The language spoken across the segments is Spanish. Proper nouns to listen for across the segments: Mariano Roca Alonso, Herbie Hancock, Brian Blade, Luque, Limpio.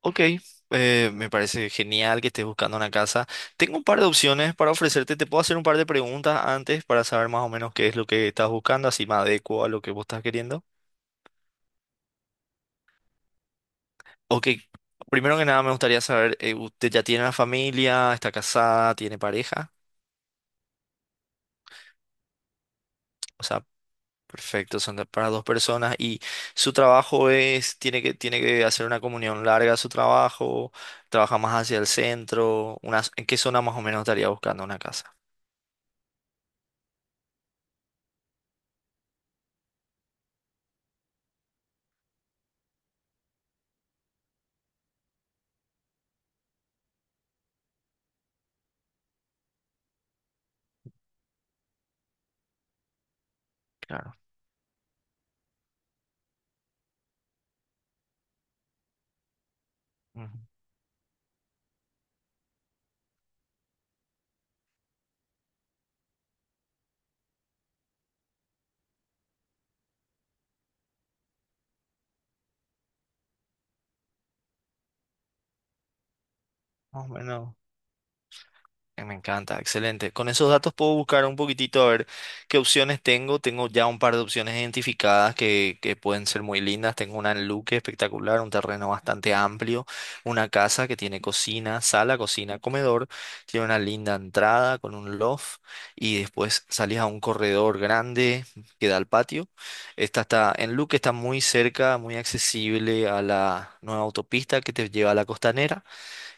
Ok, me parece genial que estés buscando una casa. Tengo un par de opciones para ofrecerte. Te puedo hacer un par de preguntas antes para saber más o menos qué es lo que estás buscando, así me adecuo a lo que vos estás queriendo. Ok, primero que nada me gustaría saber, ¿usted ya tiene una familia? ¿Está casada? ¿Tiene pareja? O sea, perfecto, son para dos personas. ¿Y su trabajo tiene que hacer una comunión larga a su trabajo? ¿Trabaja más hacia el centro? ¿En qué zona más o menos estaría buscando una casa? Claro. Ujú. Más o menos. Me encanta, excelente. Con esos datos puedo buscar un poquitito a ver qué opciones tengo. Tengo ya un par de opciones identificadas que pueden ser muy lindas. Tengo una en Luque espectacular, un terreno bastante amplio, una casa que tiene cocina, sala, cocina, comedor. Tiene una linda entrada con un loft y después salís a un corredor grande que da al patio. Esta está en Luque, está muy cerca, muy accesible a la nueva autopista que te lleva a la costanera.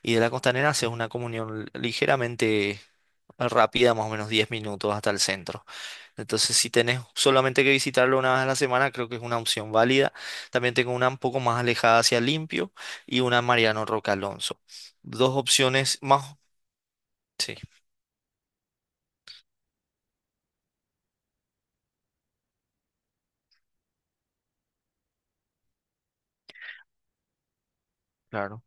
Y de la Costanera haces una comunión ligeramente rápida, más o menos 10 minutos hasta el centro. Entonces, si tenés solamente que visitarlo una vez a la semana, creo que es una opción válida. También tengo una un poco más alejada hacia Limpio y una Mariano Roca Alonso. Dos opciones más. Sí, claro.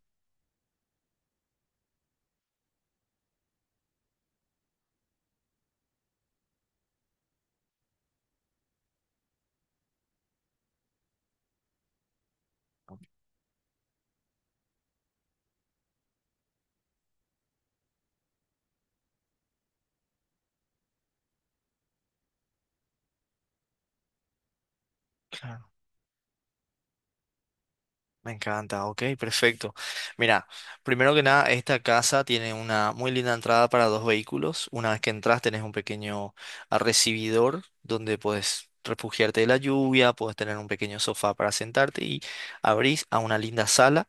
Me encanta, ok, perfecto. Mira, primero que nada, esta casa tiene una muy linda entrada para dos vehículos. Una vez que entras, tenés un pequeño recibidor donde puedes refugiarte de la lluvia, puedes tener un pequeño sofá para sentarte y abrís a una linda sala,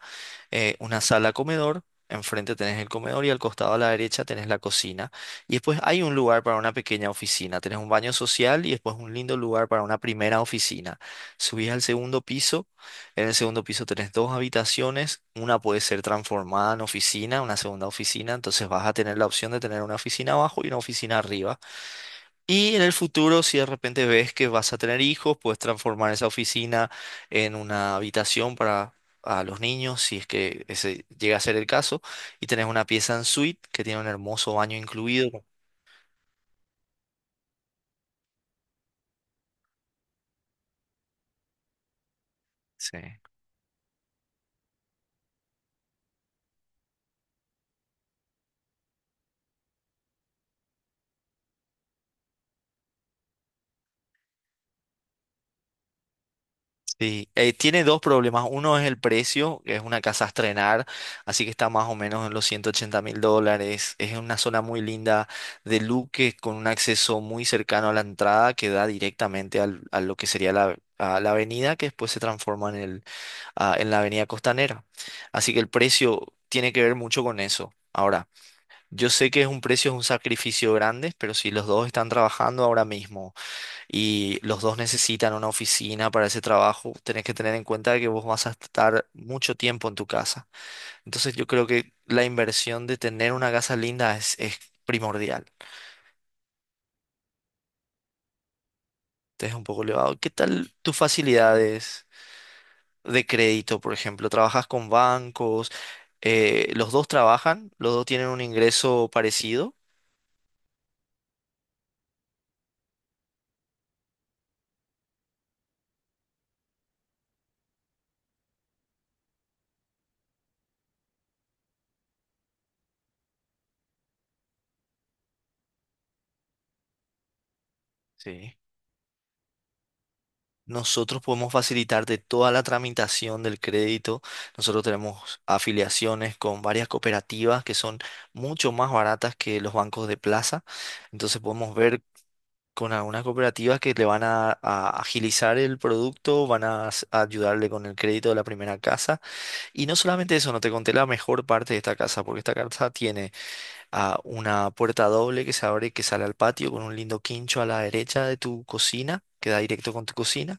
una sala comedor. Enfrente tenés el comedor y al costado a la derecha tenés la cocina. Y después hay un lugar para una pequeña oficina. Tenés un baño social y después un lindo lugar para una primera oficina. Subís al segundo piso. En el segundo piso tenés dos habitaciones, una puede ser transformada en oficina, una segunda oficina, entonces vas a tener la opción de tener una oficina abajo y una oficina arriba. Y en el futuro, si de repente ves que vas a tener hijos, puedes transformar esa oficina en una habitación para a los niños, si es que ese llega a ser el caso, y tenés una pieza en suite que tiene un hermoso baño incluido. Sí. Sí, tiene dos problemas. Uno es el precio, que es una casa a estrenar, así que está más o menos en los 180 mil dólares. Es una zona muy linda de Luque con un acceso muy cercano a la entrada que da directamente a lo que sería a la avenida, que después se transforma en la avenida costanera. Así que el precio tiene que ver mucho con eso. Ahora, yo sé que es un sacrificio grande, pero si los dos están trabajando ahora mismo y los dos necesitan una oficina para ese trabajo, tenés que tener en cuenta que vos vas a estar mucho tiempo en tu casa. Entonces yo creo que la inversión de tener una casa linda es primordial. Entonces un poco elevado. ¿Qué tal tus facilidades de crédito, por ejemplo? ¿Trabajas con bancos? ¿Los dos trabajan? ¿Los dos tienen un ingreso parecido? Sí. Nosotros podemos facilitar de toda la tramitación del crédito. Nosotros tenemos afiliaciones con varias cooperativas que son mucho más baratas que los bancos de plaza. Entonces podemos ver con algunas cooperativas que le van a agilizar el producto, van a ayudarle con el crédito de la primera casa. Y no solamente eso, no te conté la mejor parte de esta casa, porque esta casa tiene una puerta doble que se abre y que sale al patio con un lindo quincho a la derecha de tu cocina. Queda directo con tu cocina.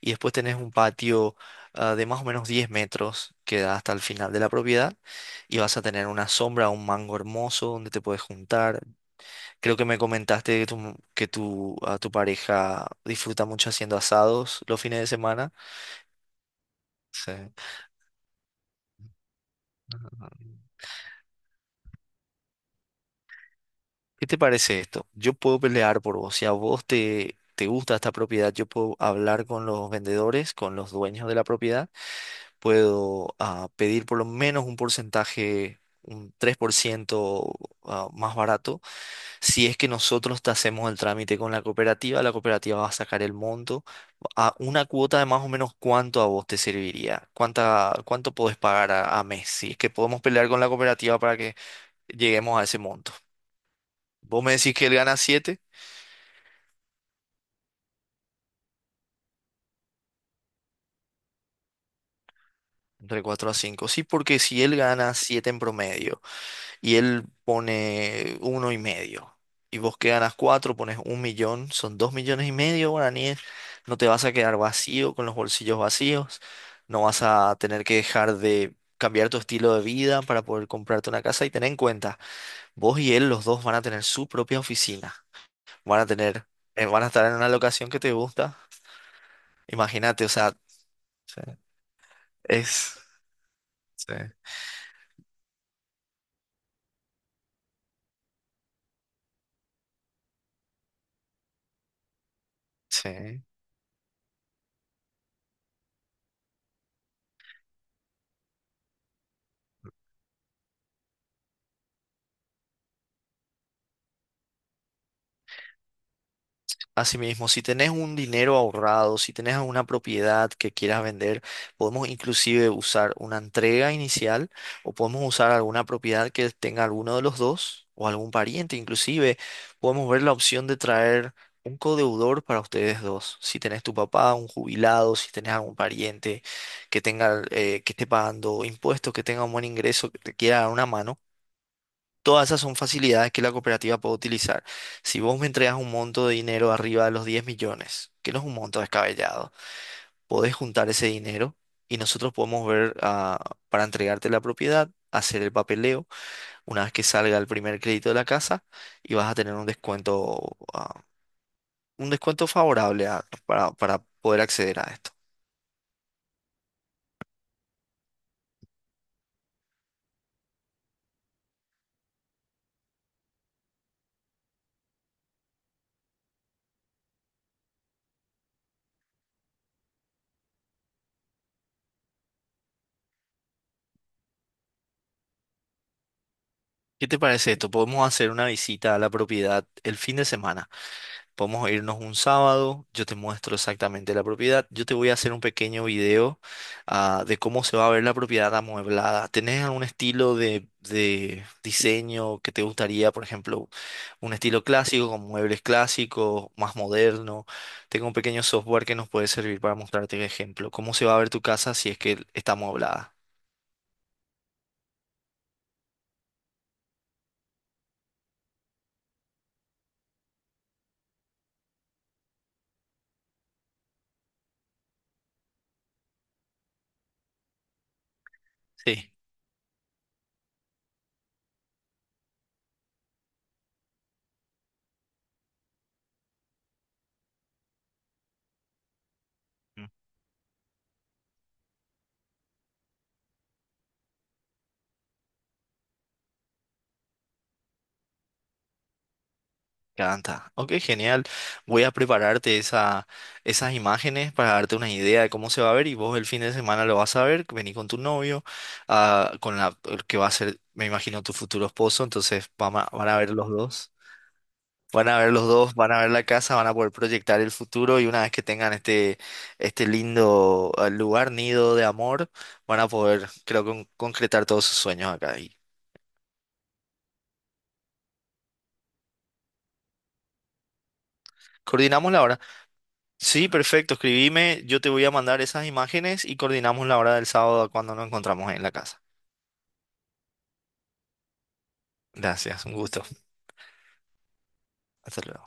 Y después tenés un patio de más o menos 10 metros que da hasta el final de la propiedad. Y vas a tener una sombra, un mango hermoso donde te puedes juntar. Creo que me comentaste a tu pareja disfruta mucho haciendo asados los fines de semana. Sí. Ajá. ¿Qué te parece esto? Yo puedo pelear por vos. Si a vos te gusta esta propiedad, yo puedo hablar con los vendedores, con los dueños de la propiedad puedo pedir por lo menos un porcentaje, un 3% más barato. Si es que nosotros te hacemos el trámite con la cooperativa va a sacar el monto a una cuota de más o menos cuánto a vos te serviría, cuánto podés pagar a mes. Si es que podemos pelear con la cooperativa para que lleguemos a ese monto. Vos me decís que él gana siete, entre 4 a cinco. Sí, porque si él gana 7 en promedio y él pone uno y medio. Y vos que ganas cuatro, pones un millón, son dos millones y medio guaraníes. No te vas a quedar vacío con los bolsillos vacíos. No vas a tener que dejar de cambiar tu estilo de vida para poder comprarte una casa. Y ten en cuenta, vos y él, los dos van a tener su propia oficina. Van a tener, van a estar en una locación que te gusta. Imagínate, o sea, sí, es... sí. Sí. Asimismo, si tenés un dinero ahorrado, si tenés alguna propiedad que quieras vender, podemos inclusive usar una entrega inicial o podemos usar alguna propiedad que tenga alguno de los dos o algún pariente. Inclusive podemos ver la opción de traer un codeudor para ustedes dos. Si tenés tu papá, un jubilado, si tenés algún pariente que esté pagando impuestos, que tenga un buen ingreso, que te quiera dar una mano. Todas esas son facilidades que la cooperativa puede utilizar. Si vos me entregas un monto de dinero arriba de los 10 millones, que no es un monto descabellado, podés juntar ese dinero y nosotros podemos ver para entregarte la propiedad, hacer el papeleo una vez que salga el primer crédito de la casa y vas a tener un descuento favorable para poder acceder a esto. ¿Qué te parece esto? Podemos hacer una visita a la propiedad el fin de semana. Podemos irnos un sábado, yo te muestro exactamente la propiedad, yo te voy a hacer un pequeño video de cómo se va a ver la propiedad amueblada. ¿Tenés algún estilo de diseño que te gustaría, por ejemplo, un estilo clásico con muebles clásicos, más moderno? Tengo un pequeño software que nos puede servir para mostrarte el ejemplo, cómo se va a ver tu casa si es que está amueblada. Sí. Canta. Ok, genial. Voy a prepararte esas imágenes para darte una idea de cómo se va a ver y vos el fin de semana lo vas a ver. Vení con tu novio, con la el que va a ser, me imagino, tu futuro esposo. Entonces van a ver los dos. Van a ver los dos, van a ver la casa, van a poder proyectar el futuro y una vez que tengan este lindo lugar, nido de amor, van a poder, creo, concretar todos sus sueños acá. Y coordinamos la hora. Sí, perfecto, escribime, yo te voy a mandar esas imágenes y coordinamos la hora del sábado cuando nos encontramos en la casa. Gracias, un gusto. Hasta luego.